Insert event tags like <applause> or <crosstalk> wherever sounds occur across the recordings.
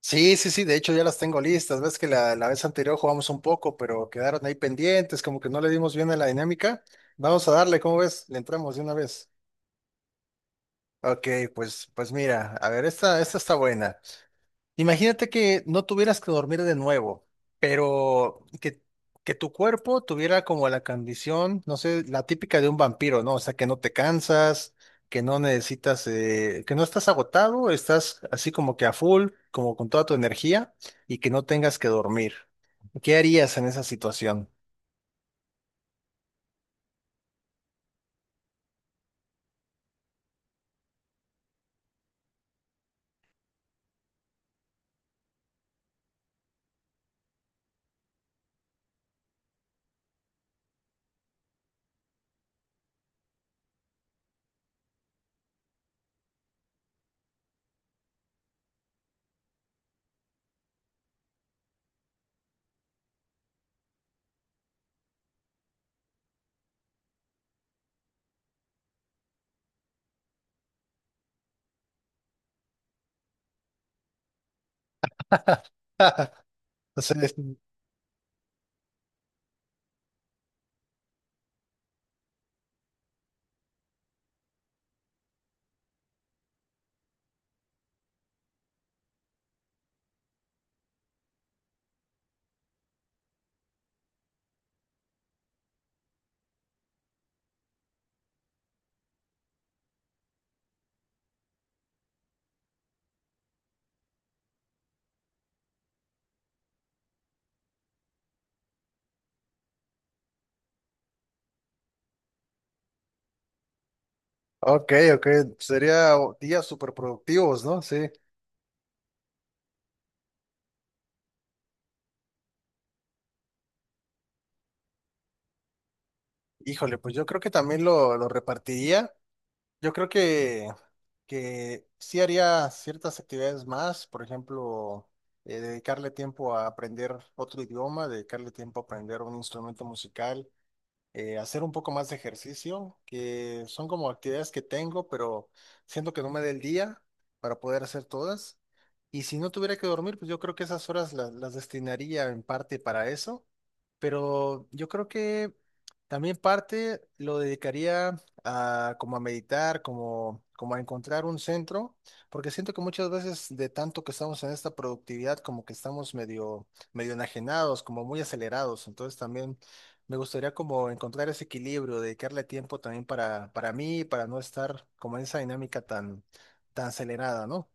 Sí, sí, sí, de hecho ya las tengo listas. Ves que la vez anterior jugamos un poco, pero quedaron ahí pendientes, como que no le dimos bien a la dinámica. Vamos a darle, ¿cómo ves? Le entramos de una vez. Ok, pues mira, a ver, esta está buena. Imagínate que no tuvieras que dormir de nuevo, pero que tu cuerpo tuviera como la condición, no sé, la típica de un vampiro, ¿no? O sea, que no te cansas, que no necesitas, que no estás agotado, estás así como que a full, como con toda tu energía y que no tengas que dormir. ¿Qué harías en esa situación? <laughs> O sea, es- ok, ok, sería días súper productivos, ¿no? Sí. Híjole, pues yo creo que también lo repartiría. Yo creo que sí haría ciertas actividades más, por ejemplo, dedicarle tiempo a aprender otro idioma, dedicarle tiempo a aprender un instrumento musical, hacer un poco más de ejercicio, que son como actividades que tengo, pero siento que no me dé el día para poder hacer todas. Y si no tuviera que dormir, pues yo creo que esas horas las destinaría en parte para eso, pero yo creo que también parte lo dedicaría a como a meditar, como a encontrar un centro, porque siento que muchas veces de tanto que estamos en esta productividad, como que estamos medio enajenados, como muy acelerados, entonces también me gustaría como encontrar ese equilibrio, dedicarle tiempo también para mí, para no estar como en esa dinámica tan acelerada, ¿no?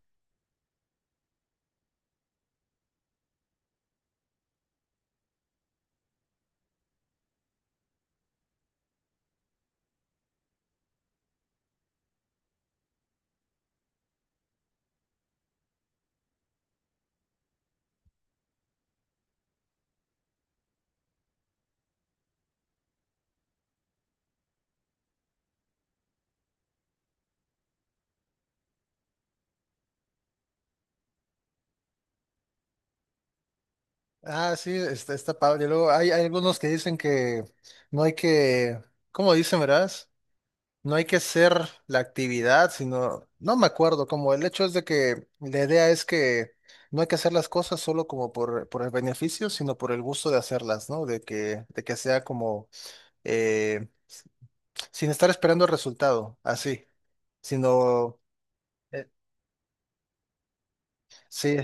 Ah, sí, está padre. Luego hay algunos que dicen que no hay ¿cómo dicen, verdad? No hay que ser la actividad, sino, no me acuerdo, como el hecho es de que la idea es que no hay que hacer las cosas solo como por el beneficio, sino por el gusto de hacerlas, ¿no? De de que sea como, eh, sin estar esperando el resultado, así. Sino, eh, sí,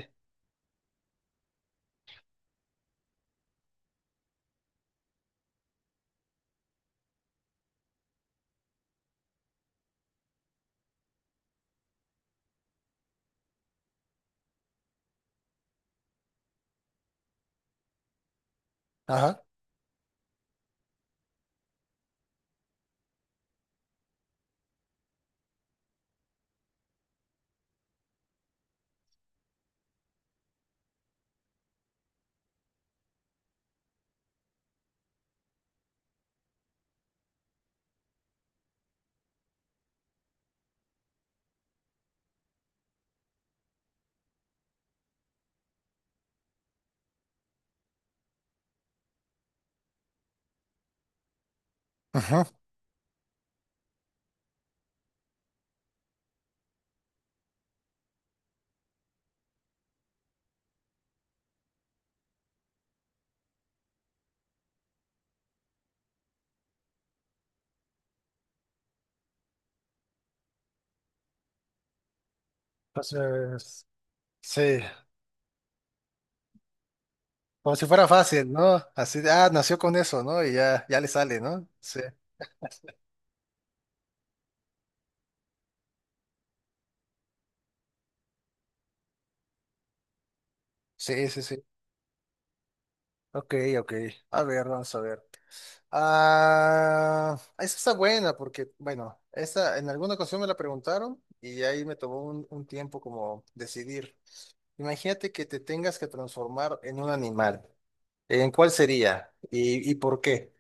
ajá, ajá. Entonces, sí, como si fuera fácil, ¿no? Así, ah, nació con eso, ¿no? Y ya, ya le sale, ¿no? Sí, sí, sí, sí. Ok, ok. A ver, vamos a ver. Ah, esa está buena porque, bueno, esta en alguna ocasión me la preguntaron y ahí me tomó un tiempo como decidir. Imagínate que te tengas que transformar en un animal. ¿En cuál sería? Y por qué?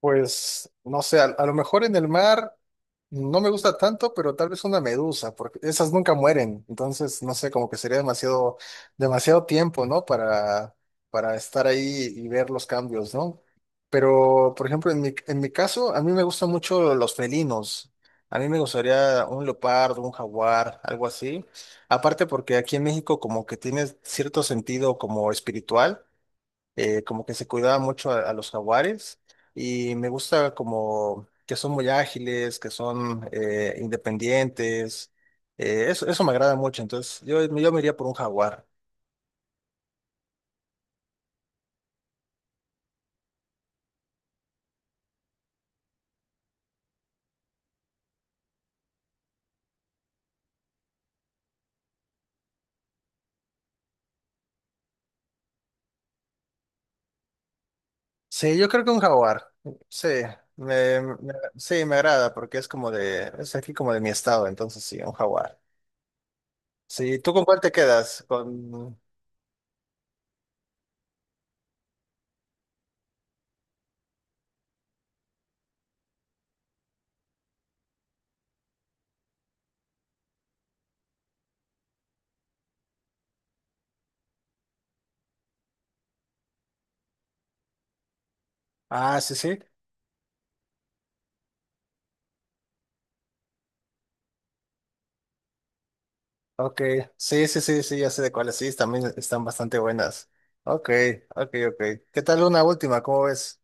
Pues no sé, a lo mejor en el mar no me gusta tanto, pero tal vez una medusa, porque esas nunca mueren. Entonces, no sé, como que sería demasiado, demasiado tiempo, ¿no? Para estar ahí y ver los cambios, ¿no? Pero, por ejemplo, en en mi caso, a mí me gustan mucho los felinos. A mí me gustaría un leopardo, un jaguar, algo así. Aparte porque aquí en México como que tiene cierto sentido como espiritual, como que se cuidaba mucho a los jaguares y me gusta como que son muy ágiles, que son independientes, eso me agrada mucho, entonces yo me iría por un jaguar. Sí, yo creo que un jaguar, sí, me- sí, me agrada porque es como de, es aquí como de mi estado, entonces sí, un jaguar. Sí, ¿tú con cuál te quedas? Con... Ah, sí, sí. Ok, sí, sí, sí, sí, ya sé de cuáles, sí, también están bastante buenas. Ok, ok, ok. ¿Qué tal una última? ¿Cómo ves?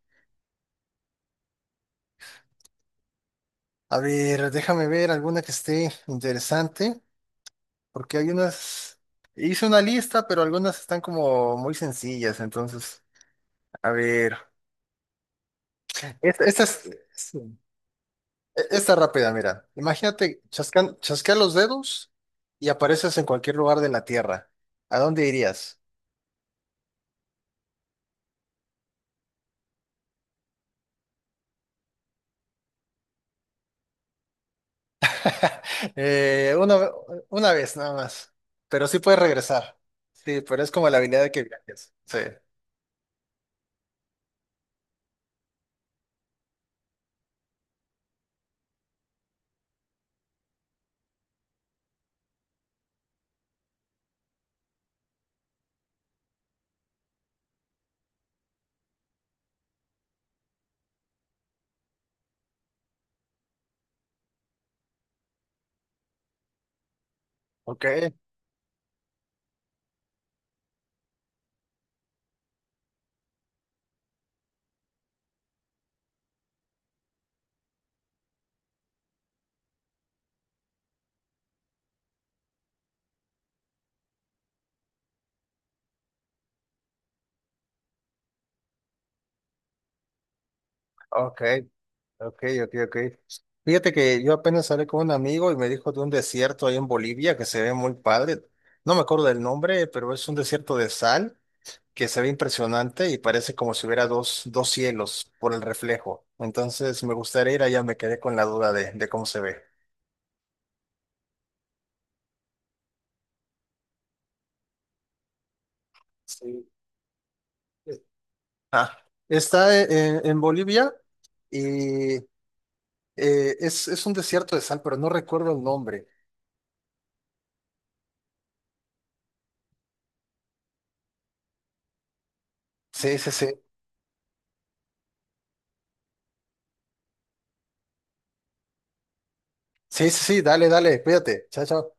A ver, déjame ver alguna que esté interesante, porque hay unas... Hice una lista, pero algunas están como muy sencillas, entonces, a ver. Esta es... sí, e- esta rápida, mira. Imagínate, chascan, chasquear los dedos y apareces en cualquier lugar de la Tierra. ¿A dónde irías? <laughs> Eh, una, una vez nada más, pero sí puedes regresar. Sí, pero es como la habilidad de que viajes. Sí. Ok, ok, ok, ok, ok. Fíjate que yo apenas hablé con un amigo y me dijo de un desierto ahí en Bolivia que se ve muy padre. No me acuerdo del nombre, pero es un desierto de sal que se ve impresionante y parece como si hubiera dos, dos cielos por el reflejo. Entonces me gustaría ir allá, me quedé con la duda de cómo se ve. Sí. Ah, está en Bolivia y es un desierto de sal, pero no recuerdo el nombre. Sí, sí, sí. Sí, sí, sí, dale, dale, cuídate. Chao, chao.